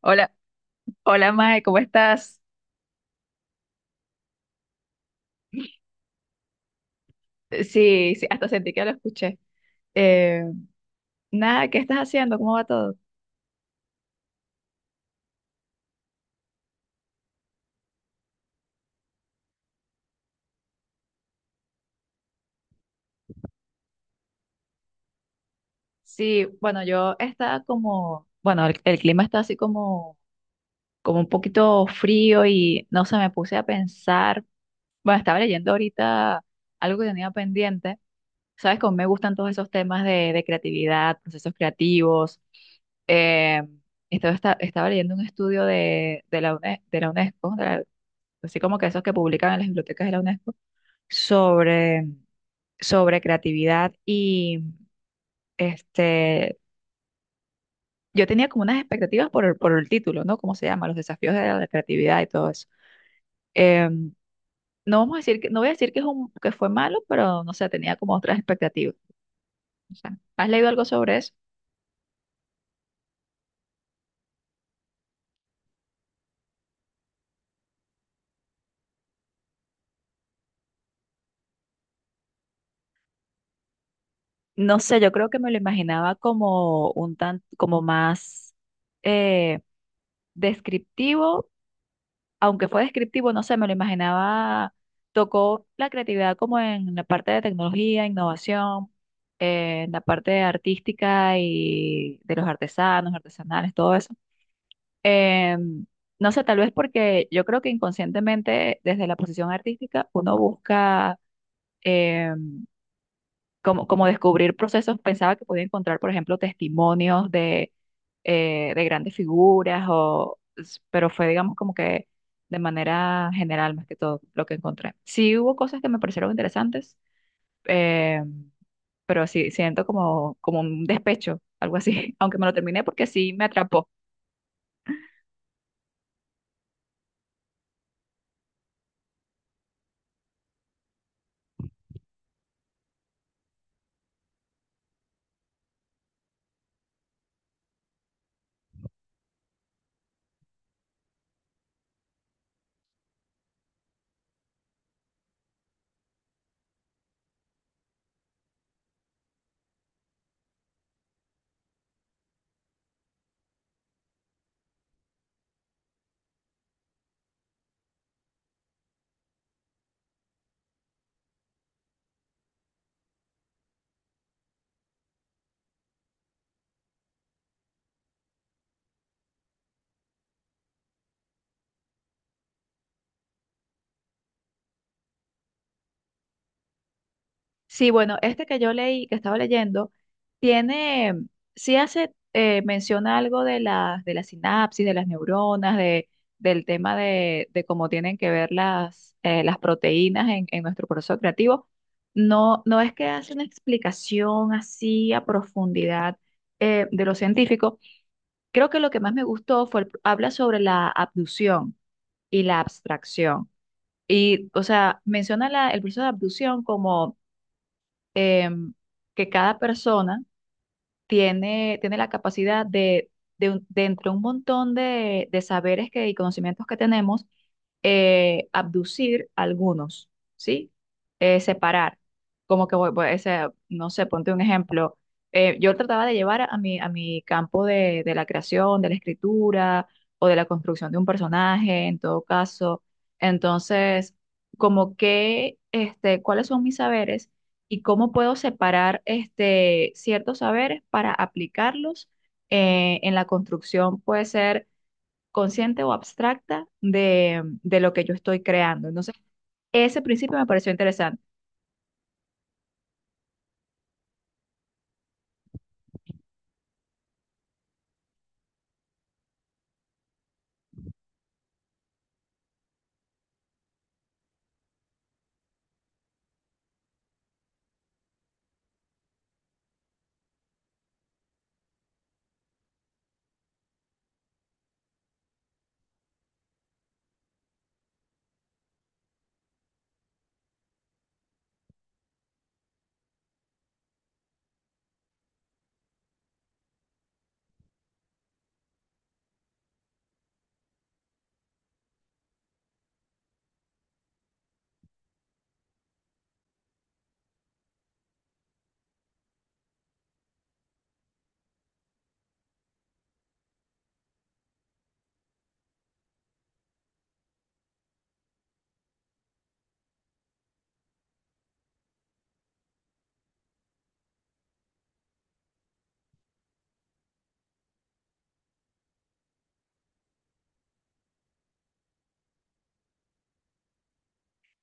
Hola, hola Mae, ¿cómo estás? Sí, sí, hasta sentí que lo escuché. Eh, Nada, ¿qué estás haciendo? ¿Cómo va todo? Sí, bueno, yo estaba como, bueno, el clima está así como, como un poquito frío y no sé, me puse a pensar, bueno, estaba leyendo ahorita algo que tenía pendiente. Sabes cómo me gustan todos esos temas de creatividad, procesos creativos. Eh, Estaba leyendo un estudio de la UNESCO, así como que esos que publican en las bibliotecas de la UNESCO sobre, sobre creatividad y este, yo tenía como unas expectativas por por el título, ¿no? ¿Cómo se llama? Los desafíos de la creatividad y todo eso. Em, no vamos a decir que, no voy a decir que es un, que fue malo, pero no sé, tenía como otras expectativas. O sea, ¿has leído algo sobre eso? No sé, yo creo que me lo imaginaba como un tan, como más eh, descriptivo, aunque fue descriptivo, no sé, me lo imaginaba, tocó la creatividad como en la parte de tecnología, innovación, en la parte artística y de los artesanos, artesanales, todo eso. Eh, no sé, tal vez porque yo creo que inconscientemente desde la posición artística uno busca... em, como, como descubrir procesos, pensaba que podía encontrar, por ejemplo, testimonios de grandes figuras, pero fue, digamos, como que de manera general más que todo lo que encontré. Sí hubo cosas que me parecieron interesantes, eh, pero sí siento como, como un despecho, algo así, aunque me lo terminé porque sí me atrapó. Sí, bueno, este que yo leí, que estaba leyendo, tiene, sí hace, menciona algo de las, de la sinapsis, de las neuronas, del tema de cómo tienen que ver las proteínas en nuestro proceso creativo. No, no es que hace una explicación así a profundidad de lo científico. Creo que lo que más me gustó fue, habla sobre la abducción y la abstracción. Y, o sea, menciona el proceso de abducción como em, que cada persona tiene la capacidad de, de entre un montón de saberes que, y conocimientos que tenemos, abducir algunos, ¿sí? Separar. Como que, o sea, no sé, ponte un ejemplo. Yo trataba de llevar a mi campo de la creación, de la escritura o de la construcción de un personaje, en todo caso. Entonces, como que, ¿cuáles son mis saberes? Y cómo puedo separar este, ciertos saberes para aplicarlos en la construcción, puede ser consciente o abstracta de lo que yo estoy creando. Entonces, ese principio me pareció interesante.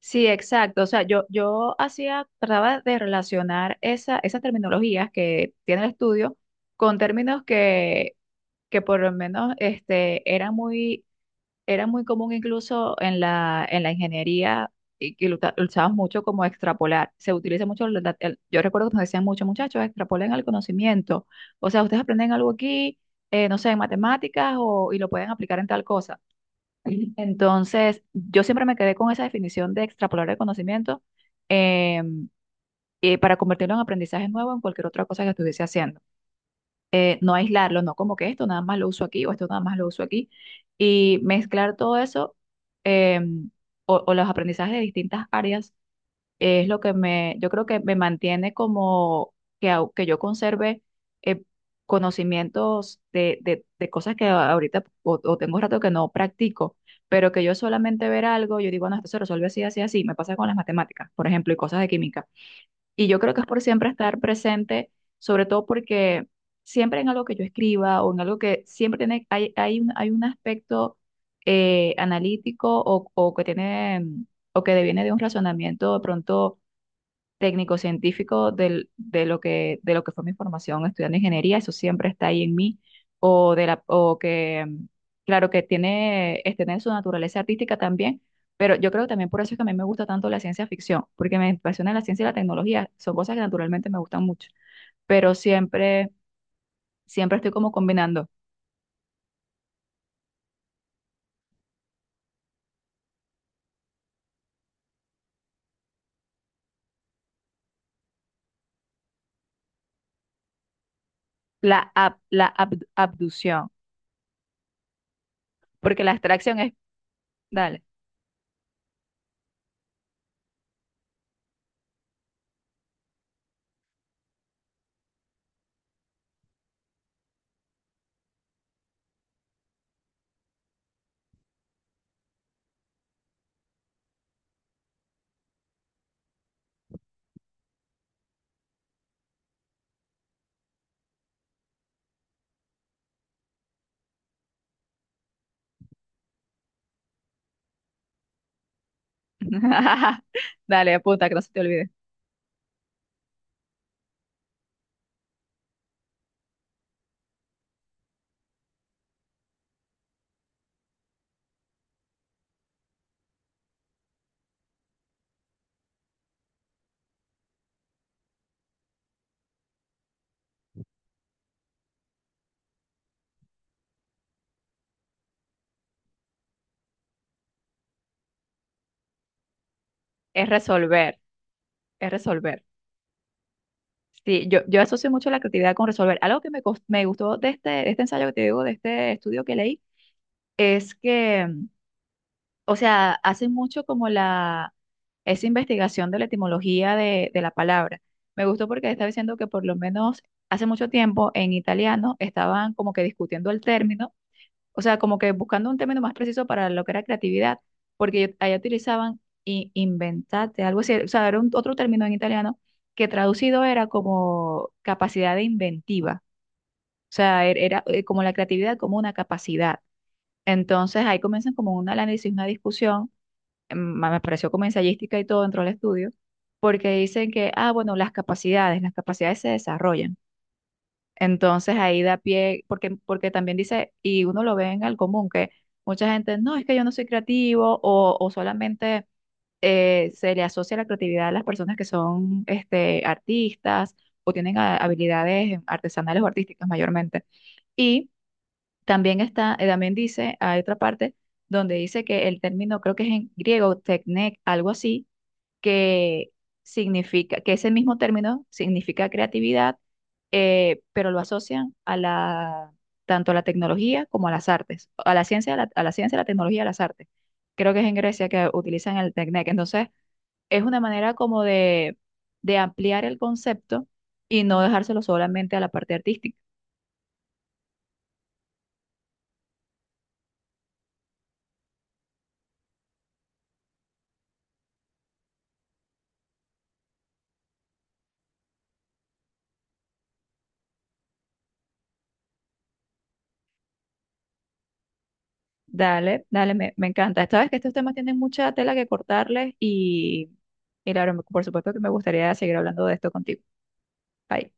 Sí, exacto. O sea, yo hacía, trataba de relacionar esas terminologías que tiene el estudio con términos que por lo menos este, eran muy... era muy común incluso en la ingeniería y que lo, lo usamos mucho como extrapolar. Se utiliza mucho, yo recuerdo que nos decían muchos muchachos, extrapolen el conocimiento. O sea, ustedes aprenden algo aquí, no sé, en matemáticas y lo pueden aplicar en tal cosa. Entonces, yo siempre me quedé con esa definición de extrapolar el conocimiento, eh, para convertirlo en aprendizaje nuevo en cualquier otra cosa que estuviese haciendo, no aislarlo, no como que esto nada más lo uso aquí o esto nada más lo uso aquí, y mezclar todo eso, eh, o los aprendizajes de distintas áreas es lo que me, yo creo que me mantiene como que, que yo conserve eh, conocimientos de cosas que ahorita o tengo rato que no practico. Pero que yo solamente ver algo, yo digo, no, esto se resuelve así, así, así. Me pasa con las matemáticas, por ejemplo, y cosas de química y yo creo que es por siempre estar presente, sobre todo porque siempre en algo que yo escriba o en algo que siempre tiene, hay hay un aspecto analítico o que tiene, o que deviene de un razonamiento de pronto técnico-científico de lo que fue mi formación estudiando ingeniería, eso siempre está ahí en mí, o, de la, o que, mm, claro, que tiene, tiene su naturaleza artística también, pero yo creo que también por eso es que a mí me gusta tanto la ciencia ficción, porque me apasiona la ciencia y la tecnología, son cosas que naturalmente me gustan mucho, pero siempre, siempre estoy como combinando la abducción, porque la extracción es, dale, dale, apunta, que no se te olvide, es resolver, es resolver. Sí, yo asocio mucho la creatividad con resolver. Algo que me gustó de este ensayo que te digo, de este estudio que leí, es que, o sea, hace mucho como esa investigación de la etimología de la palabra. Me gustó porque estaba diciendo que por lo menos hace mucho tiempo en italiano estaban como que discutiendo el término, o sea, como que buscando un término más preciso para lo que era creatividad, porque allá utilizaban inventate, algo así, o sea, otro término en italiano que traducido era como capacidad de inventiva, o sea, era, como la creatividad como una capacidad. Entonces ahí comienzan como un análisis, una discusión, me pareció como ensayística y todo dentro del estudio, porque dicen que, ah, bueno, las capacidades se desarrollan. Entonces ahí da pie, porque, porque también dice, y uno lo ve en el común, que mucha gente, no, es que yo no soy creativo o solamente se le asocia la creatividad a las personas que son este, artistas o tienen habilidades artesanales o artísticas mayormente. Y también está, también dice, hay otra parte donde dice que el término, creo que es en griego, techne, algo así, que significa, que ese mismo término significa creatividad, pero lo asocian a tanto a la tecnología como a las artes, a la ciencia, a a la ciencia, a la tecnología, a las artes. Creo que es en Grecia que utilizan el Teknek. Entonces, es una manera como de ampliar el concepto y no dejárselo solamente a la parte artística. Dale, dale, me encanta. Sabes que estos temas tienen mucha tela que cortarles y claro, por supuesto que me gustaría seguir hablando de esto contigo. Bye.